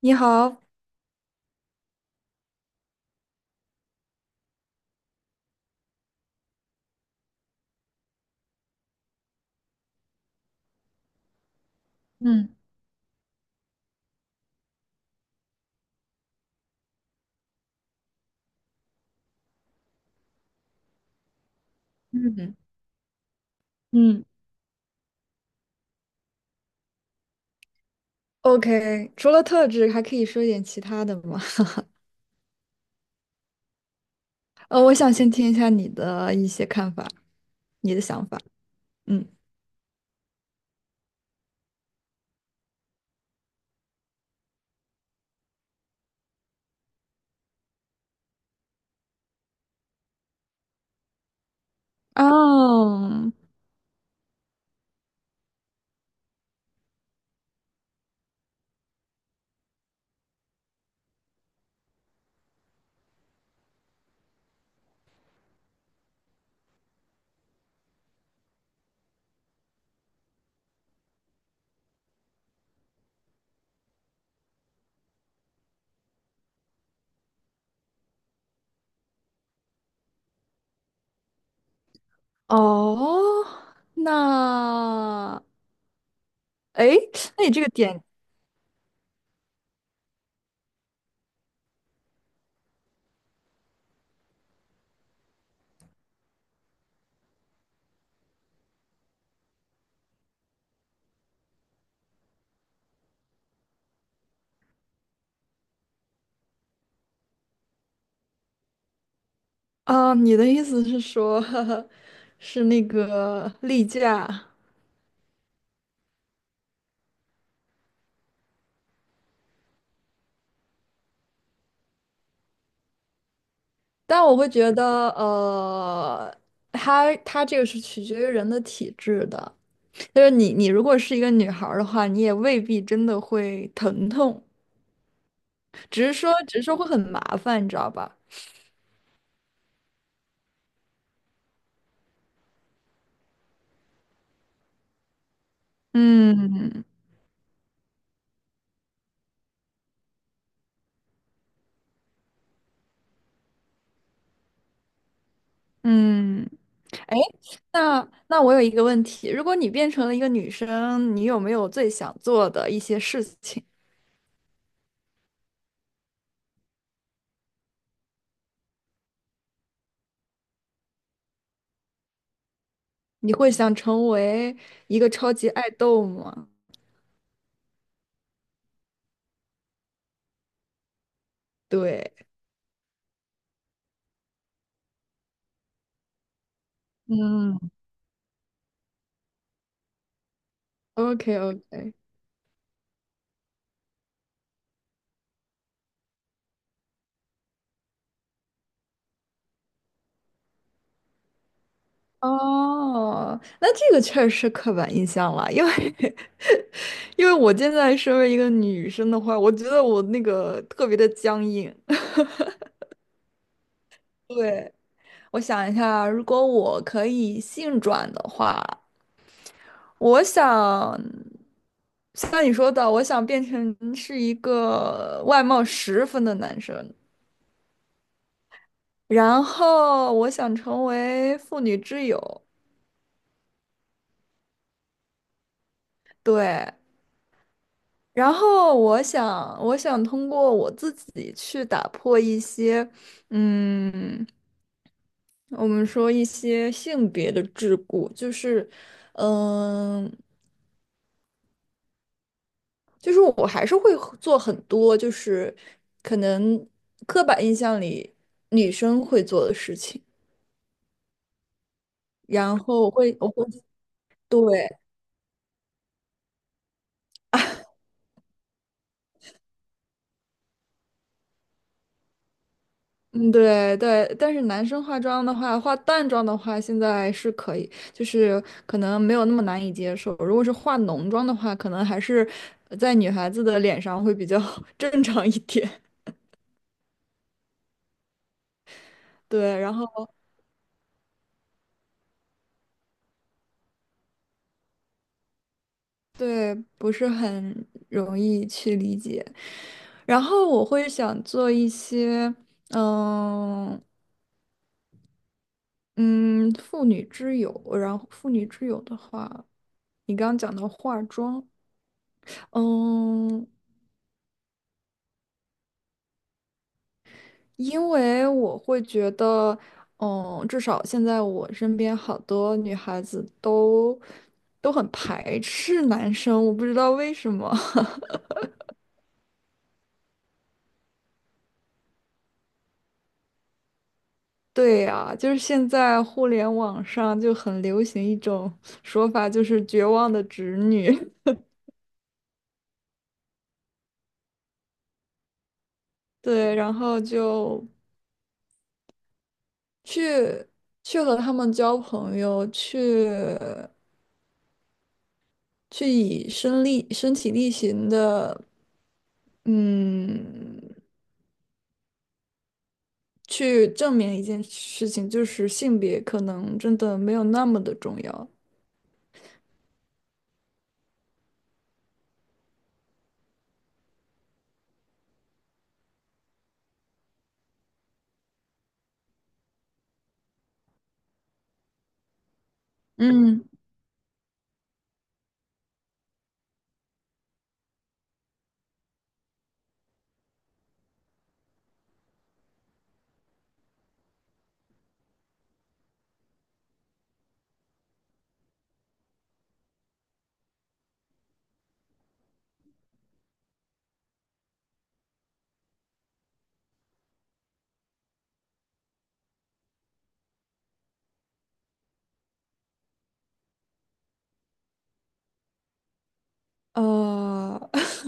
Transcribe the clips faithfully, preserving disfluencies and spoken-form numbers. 你好。嗯嗯嗯，，OK，除了特质，还可以说一点其他的吗？呃，我想先听一下你的一些看法，你的想法。嗯，哦，哦，那，诶，那你这个点。啊，你的意思是说，是那个例假。但我会觉得，呃，它它这个是取决于人的体质的。就是你，你如果是一个女孩儿的话，你也未必真的会疼痛，只是说，只是说会很麻烦，你知道吧？嗯嗯。哎，那那我有一个问题，如果你变成了一个女生，你有没有最想做的一些事情？你会想成为一个超级爱豆吗？对。嗯，，O K O K。哦，那这个确实是刻板印象了，因为 因为我现在身为一个女生的话，我觉得我那个特别的僵硬。对，我想一下，如果我可以性转的话，我想像你说的，我想变成是一个外貌十分的男生，然后我想成为妇女之友。对，然后我想，我想通过我自己去打破一些，嗯，我们说一些性别的桎梏。就是，嗯，就是我还是会很做很多，就是可能刻板印象里女生会做的事情，然后我会我会对。嗯，对对，但是男生化妆的话，化淡妆的话，现在是可以，就是可能没有那么难以接受。如果是化浓妆的话，可能还是在女孩子的脸上会比较 正常一点。对，然后。对，不是很容易去理解。然后我会想做一些，嗯嗯，妇女之友。然后妇女之友的话，你刚刚讲到化妆。嗯，因为我会觉得，嗯，至少现在我身边好多女孩子都都很排斥男生，我不知道为什么。对呀，就是现在互联网上就很流行一种说法，就是绝望的直女。对，然后就去去和他们交朋友，去去以身力身体力行的，嗯，去证明一件事情，就是性别可能真的没有那么的重要。嗯。呃，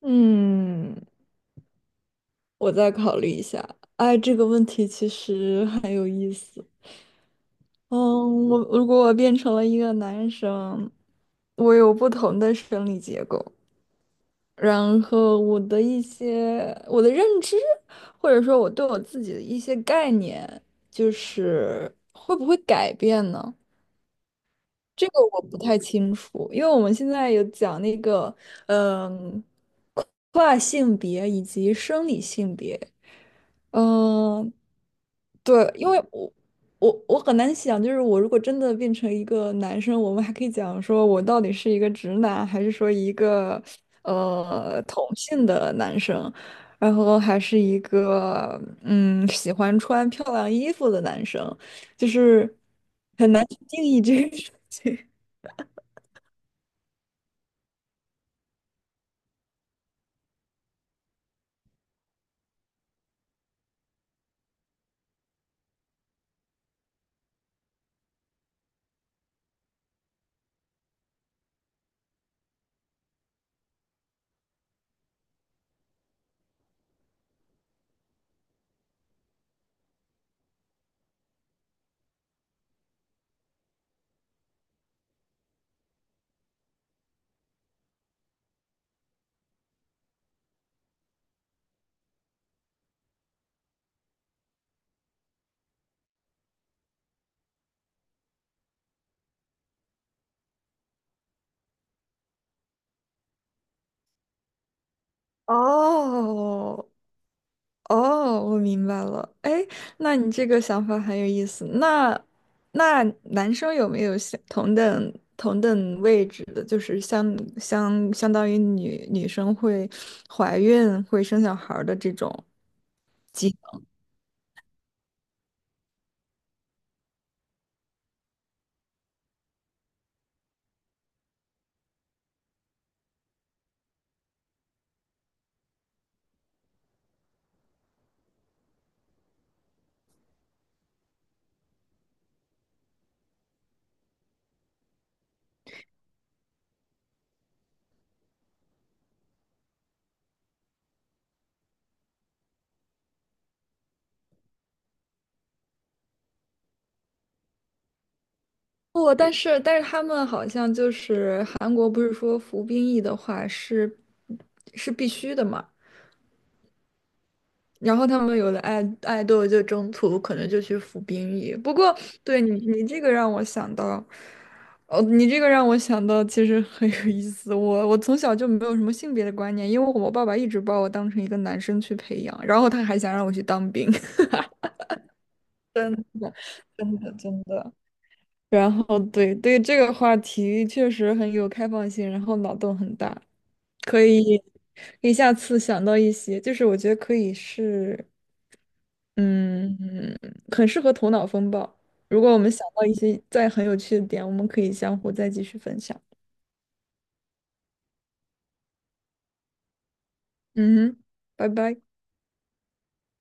嗯，我再考虑一下。哎，这个问题其实很有意思。嗯，我如果我变成了一个男生，我有不同的生理结构，然后我的一些我的认知，或者说我对我自己的一些概念，就是会不会改变呢？这个我不太清楚，因为我们现在有讲那个，嗯，跨性别以及生理性别。嗯，对，因为我我我很难想，就是我如果真的变成一个男生，我们还可以讲说我到底是一个直男，还是说一个呃同性的男生，然后还是一个嗯喜欢穿漂亮衣服的男生，就是很难去定义这个事情。哦，哦，我明白了。哎，那你这个想法很有意思。那那男生有没有相同等同等位置的？就是相相相当于女女生会怀孕、会生小孩儿的这种机会。不，但是但是他们好像就是韩国不是说服兵役的话是是必须的嘛？然后他们有的爱爱豆就中途可能就去服兵役。不过，对你你这个让我想到，哦，你这个让我想到，其实很有意思。我我从小就没有什么性别的观念，因为我爸爸一直把我当成一个男生去培养，然后他还想让我去当兵。真的真的。然后对对这个话题确实很有开放性，然后脑洞很大，可以可以下次想到一些，就是我觉得可以是。嗯，嗯很适合头脑风暴。如果我们想到一些再很有趣的点，我们可以相互再继续分享。嗯哼，拜拜。